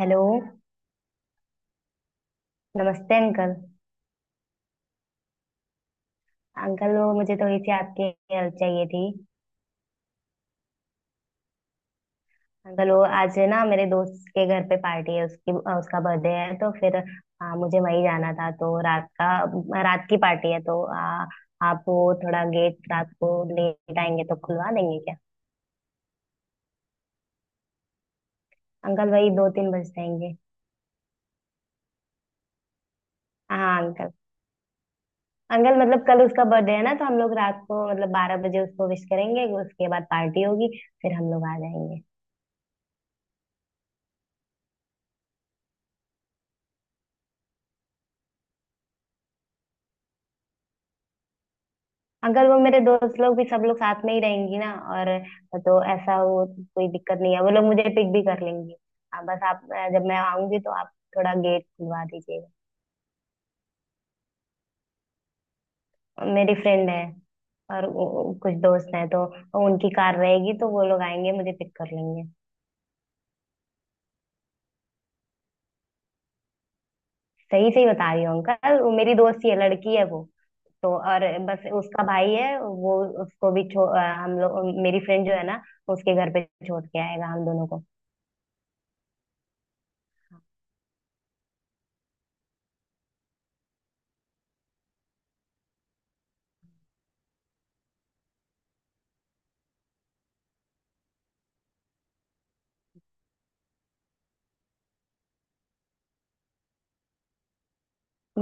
Hello. नमस्ते uncle. Uncle, वो मुझे थोड़ी सी आपकी हेल्प चाहिए थी। अंकल, वो आज ना मेरे दोस्त के घर पे पार्टी है, उसका बर्थडे है, तो फिर मुझे वहीं जाना था। तो रात की पार्टी है, तो आप वो थोड़ा गेट रात को लेट आएंगे तो खुलवा देंगे क्या? अंकल, वही 2-3 बज जाएंगे। हाँ अंकल। अंकल मतलब कल उसका बर्थडे है ना, तो हम लोग रात को मतलब 12 बजे उसको विश करेंगे, उसके बाद पार्टी होगी, फिर हम लोग आ जाएंगे। अगर वो, मेरे दोस्त लोग भी सब लोग साथ में ही रहेंगी ना, और तो ऐसा वो कोई दिक्कत नहीं है। वो लोग मुझे पिक भी कर लेंगी। आप बस, आप जब मैं आऊंगी तो आप थोड़ा गेट खुलवा दीजिएगा। मेरी फ्रेंड है और कुछ दोस्त हैं तो उनकी कार रहेगी, तो वो लोग आएंगे, मुझे पिक कर लेंगे। सही सही बता रही हूँ अंकल, वो मेरी दोस्त ही है, लड़की है वो, तो और बस उसका भाई है वो। उसको भी छो अ, हम लोग मेरी फ्रेंड जो है ना, उसके घर पे छोड़ के आएगा हम दोनों को।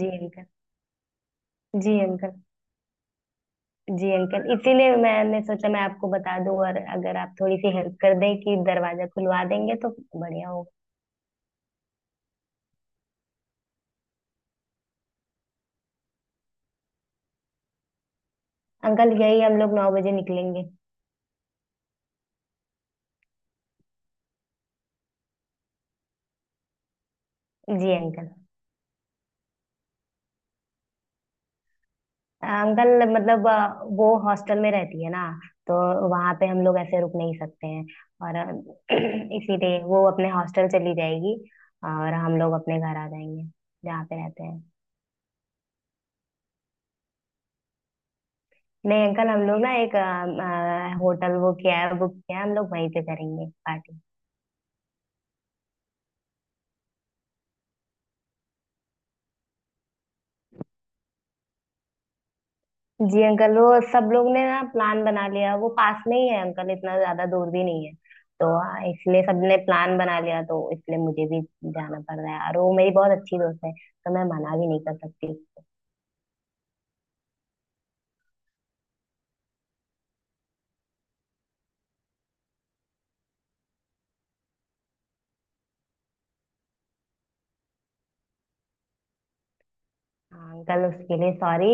जी अंकल। जी अंकल। जी अंकल, इसीलिए मैंने सोचा मैं आपको बता दूं, और अगर आप थोड़ी सी हेल्प कर दें कि दरवाजा खुलवा देंगे तो बढ़िया होगा। अंकल, यही हम लोग 9 बजे निकलेंगे। जी अंकल। अंकल मतलब वो हॉस्टल में रहती है ना, तो वहां पे हम लोग ऐसे रुक नहीं सकते हैं। और इसीलिए वो अपने हॉस्टल चली जाएगी, और हम लोग अपने घर आ जाएंगे, जहाँ पे रहते हैं। नहीं अंकल, हम लोग ना एक होटल वो किया है बुक किया है, हम लोग वहीं पे करेंगे पार्टी। जी अंकल, वो सब लोग ने ना प्लान बना लिया। वो पास में ही है अंकल, इतना ज्यादा दूर भी नहीं है। तो हाँ, इसलिए सबने प्लान बना लिया, तो इसलिए मुझे भी जाना पड़ रहा है। और वो मेरी बहुत अच्छी दोस्त है, तो मैं मना भी नहीं कर सकती। हाँ अंकल, उसके लिए सॉरी।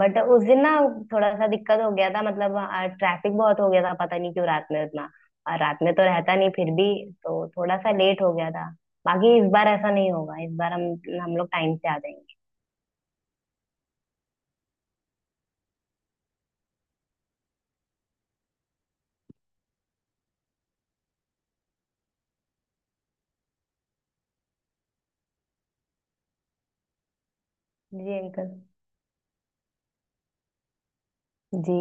बट उस दिन ना थोड़ा सा दिक्कत हो गया था, मतलब ट्रैफिक बहुत हो गया था। पता नहीं क्यों रात में उतना, और रात में तो रहता नहीं, फिर भी तो थोड़ा सा लेट हो गया था। बाकी इस बार ऐसा नहीं होगा। इस बार हम लोग टाइम से आ जाएंगे। जी अंकल। जी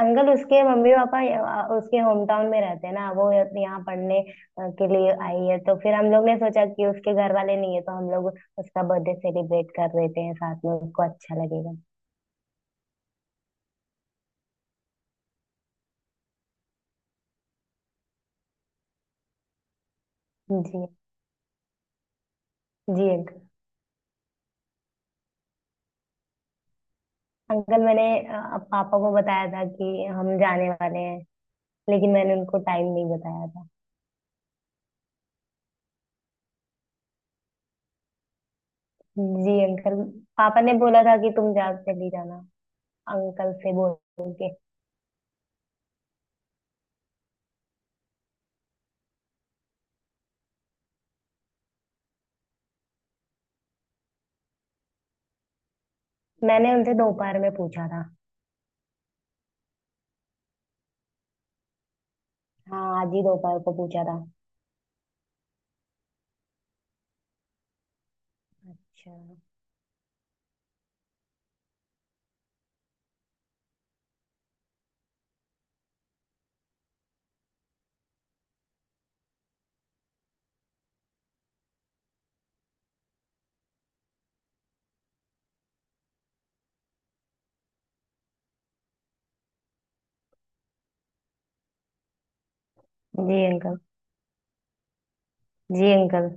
अंकल, उसके मम्मी पापा उसके होम टाउन में रहते हैं ना, वो यहाँ पढ़ने के लिए आई है। तो फिर हम लोग ने सोचा कि उसके घर वाले नहीं है, तो हम लोग उसका बर्थडे सेलिब्रेट कर देते हैं साथ में, उसको अच्छा लगेगा। जी। जी अंकल। अंकल मैंने पापा को बताया था कि हम जाने वाले हैं, लेकिन मैंने उनको टाइम नहीं बताया था। जी अंकल, पापा ने बोला था कि तुम जा चली जाना अंकल से बोल के। मैंने उनसे दोपहर में पूछा था। हाँ, आज ही दोपहर को पूछा था। अच्छा। जी अंकल। जी अंकल,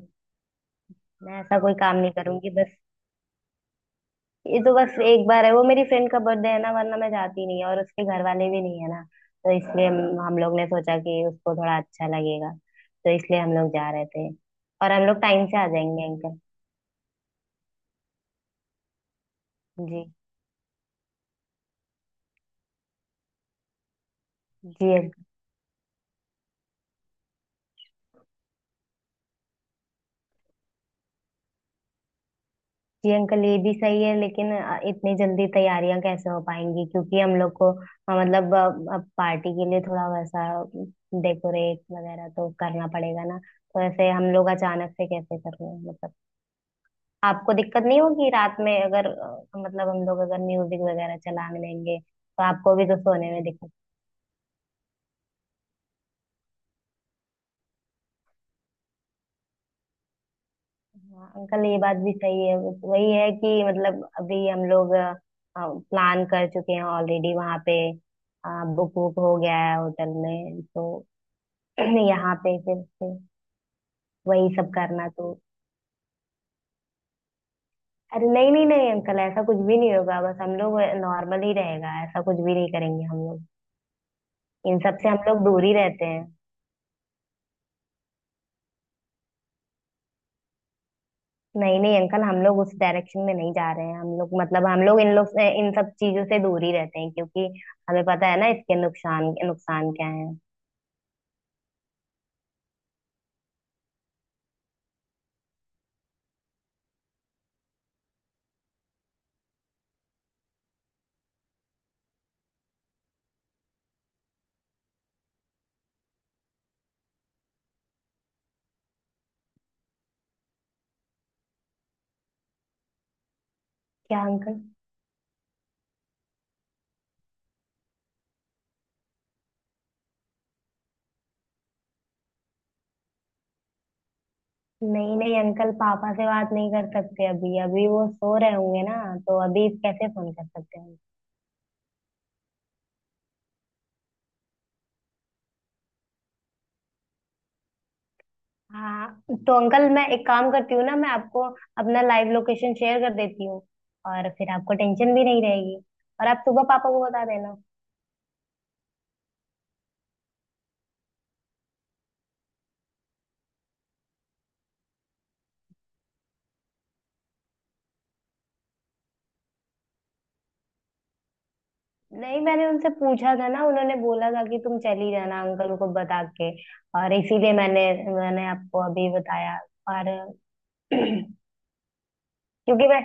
मैं ऐसा कोई काम नहीं करूंगी बस। ये तो बस एक बार है, वो मेरी फ्रेंड का बर्थडे है ना, वरना मैं जाती नहीं है, और उसके घर वाले भी नहीं है ना। तो इसलिए हम लोग ने सोचा कि उसको थोड़ा अच्छा लगेगा, तो इसलिए हम लोग जा रहे थे। और हम लोग टाइम से आ जाएंगे अंकल। जी। जी। जी अंकल, ये भी सही है, लेकिन इतनी जल्दी तैयारियां कैसे हो पाएंगी, क्योंकि हम लोग को मतलब अब पार्टी के लिए थोड़ा वैसा डेकोरेट वगैरह तो करना पड़ेगा ना। तो ऐसे हम लोग अचानक से कैसे कर लें मतलब। आपको दिक्कत नहीं होगी रात में अगर मतलब हम लोग अगर म्यूजिक वगैरह चला लेंगे तो आपको भी तो सोने में दिक्कत। हाँ अंकल, ये बात भी सही है। वही है कि मतलब अभी हम लोग प्लान कर चुके हैं ऑलरेडी, वहाँ पे बुक बुक हो गया है होटल में। तो यहाँ पे फिर से वही सब करना तो। अरे नहीं नहीं नहीं अंकल, ऐसा कुछ भी नहीं होगा। बस हम लोग नॉर्मल ही रहेगा, ऐसा कुछ भी नहीं करेंगे हम लोग। इन सब से हम लोग दूर ही रहते हैं। नहीं नहीं अंकल, हम लोग उस डायरेक्शन में नहीं जा रहे हैं। हम लोग मतलब हम लोग इन सब चीजों से दूर ही रहते हैं, क्योंकि हमें पता है ना इसके नुकसान नुकसान क्या है। क्या अंकल? नहीं नहीं अंकल, पापा से बात नहीं कर सकते अभी, अभी वो सो रहे होंगे ना, तो अभी कैसे फोन कर सकते हैं? हाँ तो अंकल, मैं एक काम करती हूँ ना, मैं आपको अपना लाइव लोकेशन शेयर कर देती हूँ, और फिर आपको टेंशन भी नहीं रहेगी, और आप सुबह पापा को बता देना। नहीं, मैंने उनसे पूछा था ना, उन्होंने बोला था कि तुम चली जाना अंकल को बता के, और इसीलिए मैंने मैंने आपको अभी बताया। और क्योंकि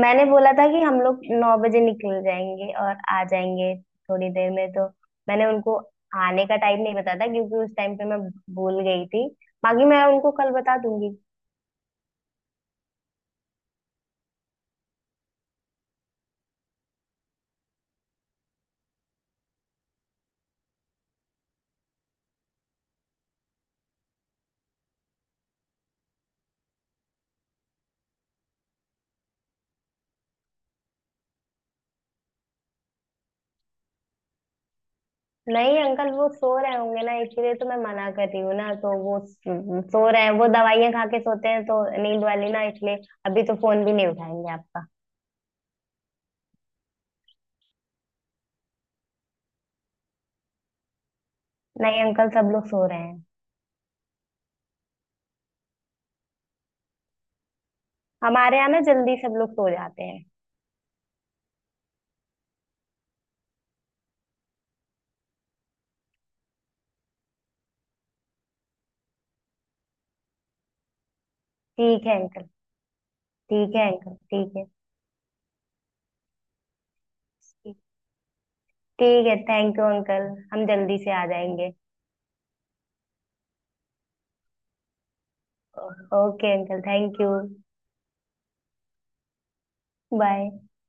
मैंने बोला था कि हम लोग 9 बजे निकल जाएंगे और आ जाएंगे थोड़ी देर में। तो मैंने उनको आने का टाइम नहीं बताया था, क्योंकि उस टाइम पे मैं भूल गई थी। बाकी मैं उनको कल बता दूंगी। नहीं अंकल, वो सो रहे होंगे ना, इसलिए तो मैं मना कर रही हूँ ना। तो वो सो रहे हैं, वो दवाइयां खा के सोते हैं, तो नींद वाली ना, इसलिए अभी तो फोन भी नहीं उठाएंगे आपका। नहीं अंकल, सब लोग सो रहे हैं, हमारे यहाँ ना जल्दी सब लोग सो जाते हैं। ठीक है अंकल। ठीक है अंकल। ठीक है। ठीक है, थैंक यू अंकल। हम जल्दी से आ जाएंगे। Okay uncle, thank you. Bye.